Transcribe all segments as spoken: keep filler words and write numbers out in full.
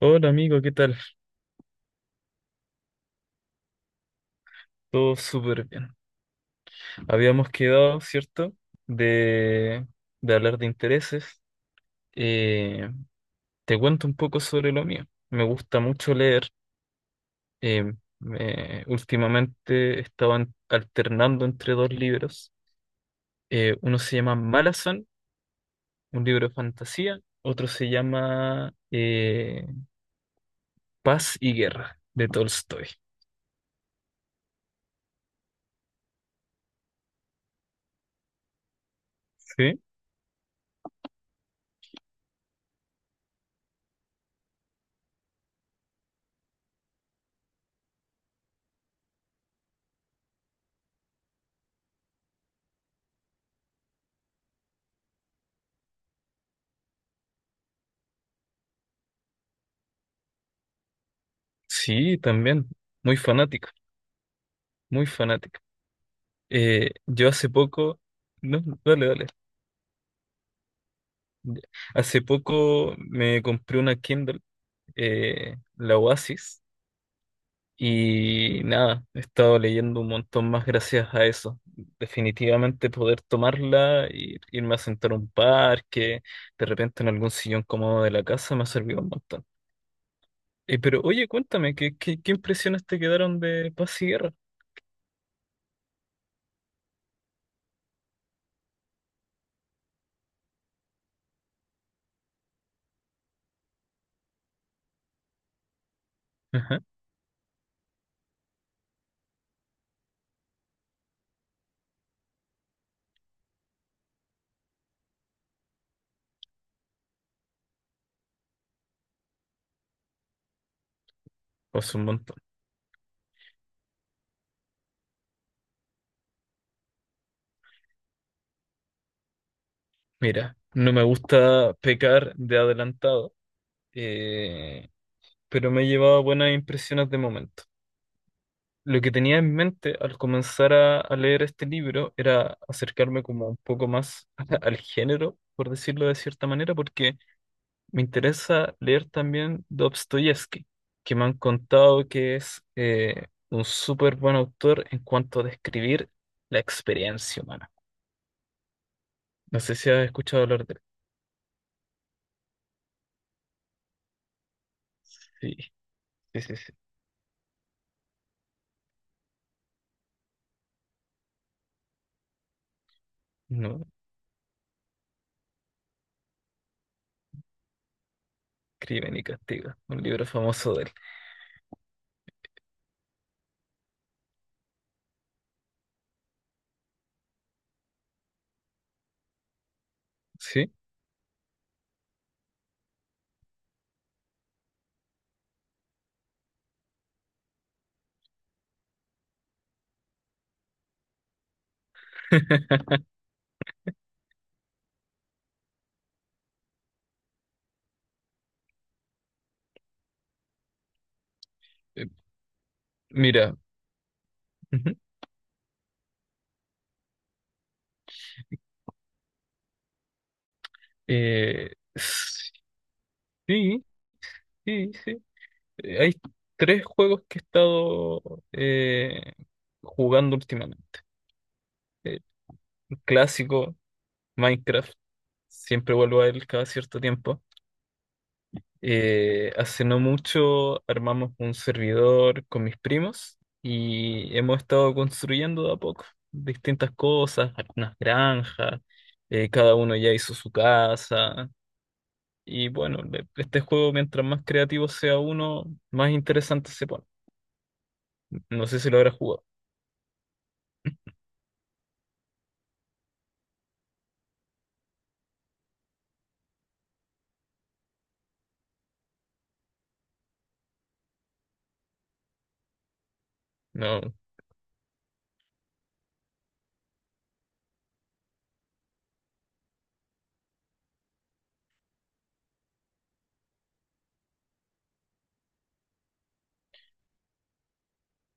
Hola amigo, ¿qué tal? Todo súper bien. Habíamos quedado, ¿cierto? De, de hablar de intereses. Eh, Te cuento un poco sobre lo mío. Me gusta mucho leer. Eh, me- Últimamente estaban alternando entre dos libros. Eh, uno se llama Malazan, un libro de fantasía. Otro se llama eh, Paz y Guerra, de Tolstoy. ¿Sí? Sí, también. Muy fanático, muy fanático. Eh, yo hace poco, no, dale, dale. Ya. Hace poco me compré una Kindle, eh, la Oasis, y nada, he estado leyendo un montón más gracias a eso. Definitivamente poder tomarla y irme a sentar a un parque, de repente en algún sillón cómodo de la casa, me ha servido un montón. Eh, pero oye, cuéntame, ¿qué, qué, qué impresiones te quedaron de Paz y Guerra? Ajá, pues un montón. Mira, no me gusta pecar de adelantado. Eh, pero me he llevado buenas impresiones de momento. Lo que tenía en mente al comenzar a, a leer este libro era acercarme como un poco más al género, por decirlo de cierta manera, porque me interesa leer también Dostoyevsky, que me han contado que es eh, un súper buen autor en cuanto a describir la experiencia humana. No sé si has escuchado hablar de él. Sí, sí, sí, sí. No, Crimen y Castigo, un libro famoso de él. ¿Sí? Mira. Ujú. Eh, sí, sí, sí. Eh, Hay tres juegos que he estado eh, jugando últimamente. Eh, el clásico, Minecraft, siempre vuelvo a él cada cierto tiempo. Eh, hace no mucho armamos un servidor con mis primos y hemos estado construyendo de a poco distintas cosas, algunas granjas, eh, cada uno ya hizo su casa. Y bueno, de- este juego, mientras más creativo sea uno, más interesante se pone. No sé si lo habrá jugado. No.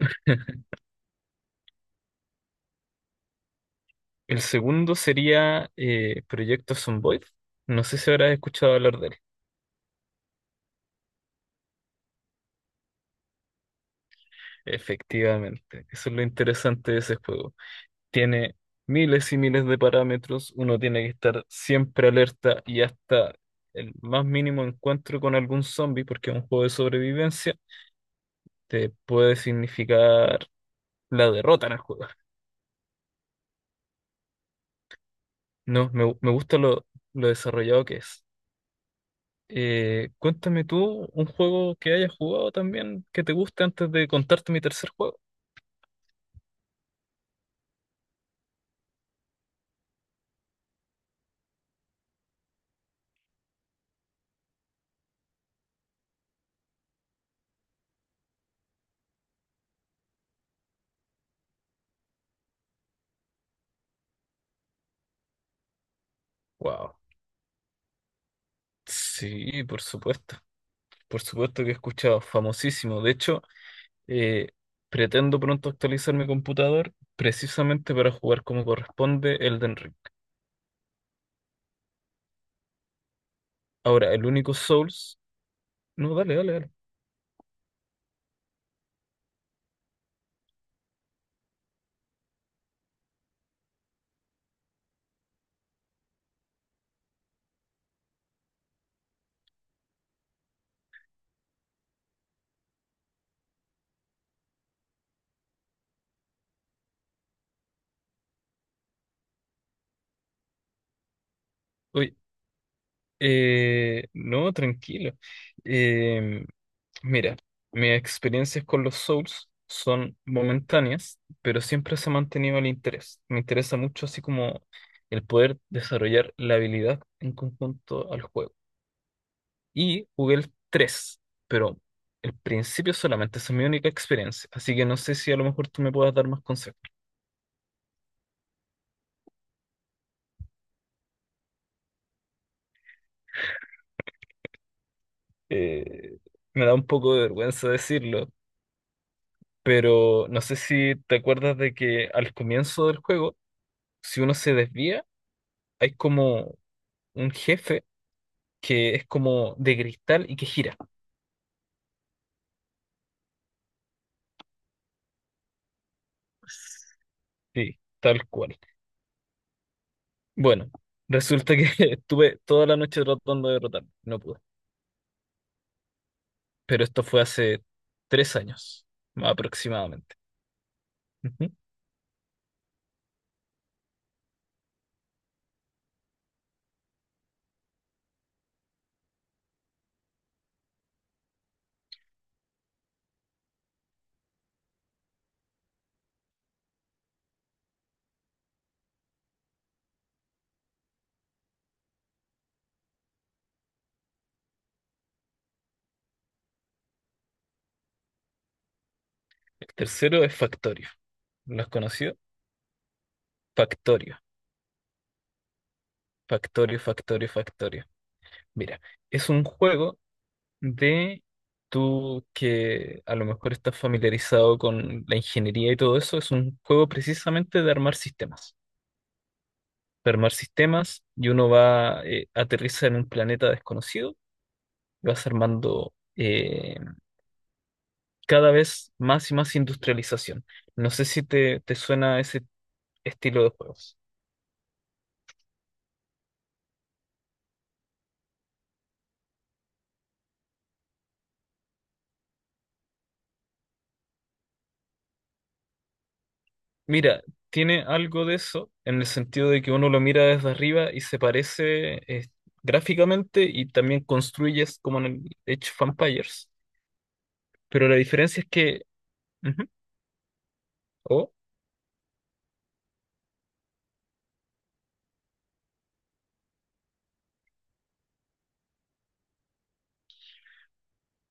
El segundo sería eh, Proyecto Zomboid. No sé si habrás escuchado hablar de él. Efectivamente, eso es lo interesante de ese juego. Tiene miles y miles de parámetros, uno tiene que estar siempre alerta y hasta el más mínimo encuentro con algún zombie, porque es un juego de sobrevivencia, te puede significar la derrota en el juego. No, me, gu- me gusta lo, lo desarrollado que es. Eh, cuéntame tú un juego que hayas jugado también que te guste antes de contarte mi tercer juego. Wow. Sí, por supuesto. Por supuesto que he escuchado, famosísimo. De hecho, eh, pretendo pronto actualizar mi computador precisamente para jugar como corresponde Elden Ring. Ahora, el único Souls. No, dale, dale, dale. Oye, eh, no, tranquilo. Em, Mira, mis experiencias con los Souls son momentáneas, pero siempre se ha mantenido el interés. Me interesa mucho así como el poder desarrollar la habilidad en conjunto al juego. Y jugué el tres, pero el principio solamente, esa es mi única experiencia, así que no sé si a lo mejor tú me puedas dar más consejos. Eh, Me da un poco de vergüenza decirlo, pero no sé si te acuerdas de que al comienzo del juego, si uno se desvía, hay como un jefe que es como de cristal y que gira. Sí, tal cual. Bueno, resulta que estuve toda la noche tratando de derrotarlo, no pude. Pero esto fue hace tres años, aproximadamente. Ujú. El tercero es Factorio. ¿Lo has conocido? Factorio, Factorio, Factorio, Factorio. Mira, es un juego de tú que a lo mejor estás familiarizado con la ingeniería y todo eso, es un juego precisamente de armar sistemas. Para armar sistemas y uno va, eh, aterriza en un planeta desconocido y vas armando eh, cada vez más y más industrialización. No sé si te, te suena ese estilo de juegos. Mira, tiene algo de eso en el sentido de que uno lo mira desde arriba y se parece eh, gráficamente y también construyes como en el Age of Empires, pero la diferencia es que. Ujú, oh,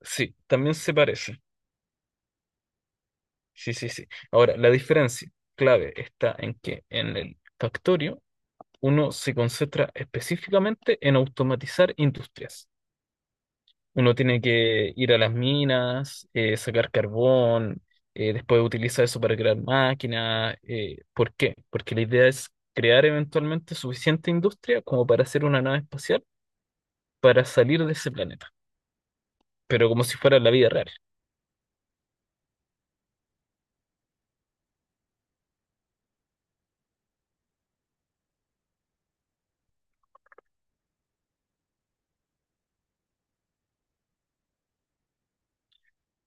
sí, también se parece. Sí, sí, sí. Ahora, la diferencia clave está en que en el Factorio uno se concentra específicamente en automatizar industrias. Uno tiene que ir a las minas, eh, sacar carbón, eh, después utilizar eso para crear máquinas. Eh, ¿por qué? Porque la idea es crear eventualmente suficiente industria como para hacer una nave espacial para salir de ese planeta, pero como si fuera la vida real.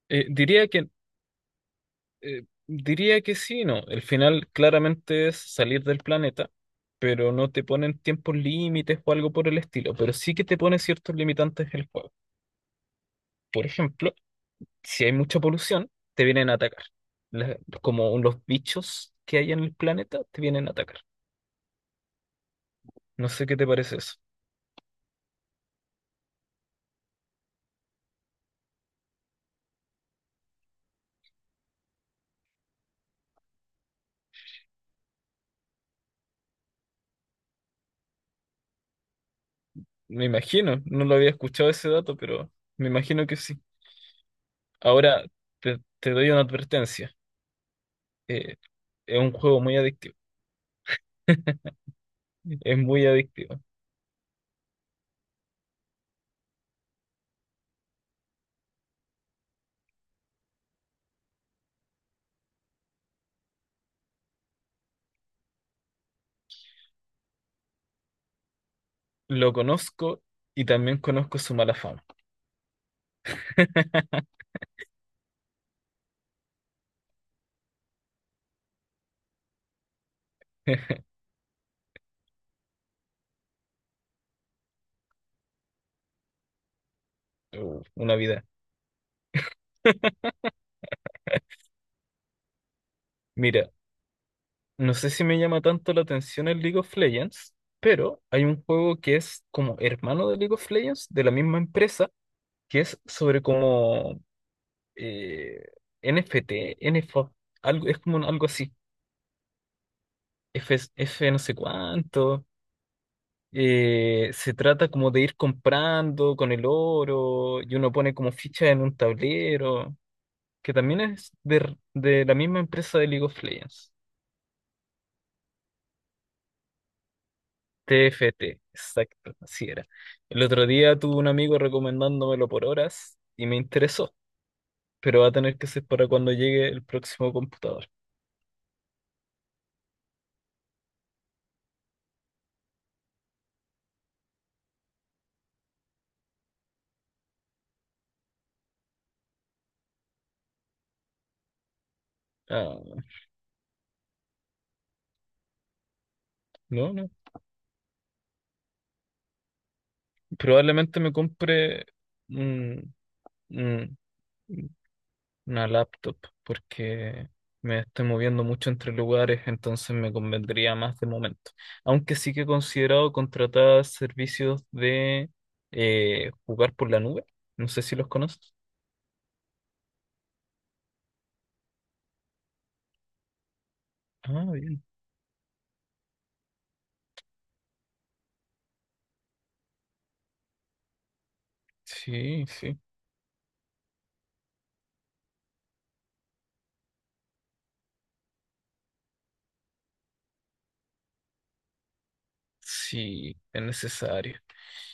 Eh, diría que Eh, diría que sí, no. El final claramente es salir del planeta, pero no te ponen tiempos límites o algo por el estilo, pero sí que te pone ciertos limitantes el juego. Por ejemplo, si hay mucha polución, te vienen a atacar. La- como los bichos que hay en el planeta te vienen a atacar. No sé qué te parece eso. Me imagino, no lo había escuchado ese dato, pero me imagino que sí. Ahora te, te doy una advertencia. Eh, es un juego muy adictivo. Es muy adictivo. Lo conozco y también conozco su mala fama. Uh, Una vida. Mira, no sé si me llama tanto la atención el League of Legends, pero hay un juego que es como hermano de League of Legends, de la misma empresa, que es sobre como eh, N F T, N F O, algo, es como un- algo así, F, F no sé cuánto. Eh, se trata como de ir comprando con el oro y uno pone como fichas en un tablero, que también es de, de, la misma empresa de League of Legends. T F T exacto, así era. El otro día tuve un amigo recomendándomelo por horas y me interesó, pero va a tener que ser para cuando llegue el próximo computador. Ah, no, no. Probablemente me compre un- un- una laptop porque me estoy moviendo mucho entre lugares, entonces me convendría más de momento. Aunque sí que he considerado contratar servicios de eh, jugar por la nube. No sé si los conoces. Ah, bien. Sí, sí. Sí, es necesario.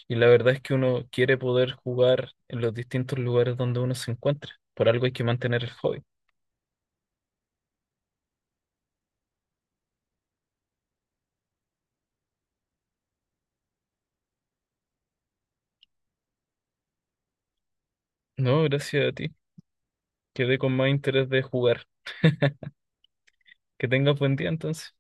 Y la verdad es que uno quiere poder jugar en los distintos lugares donde uno se encuentra. Por algo hay que mantener el hobby. No, gracias a ti. Quedé con más interés de jugar. Que tengas buen día entonces.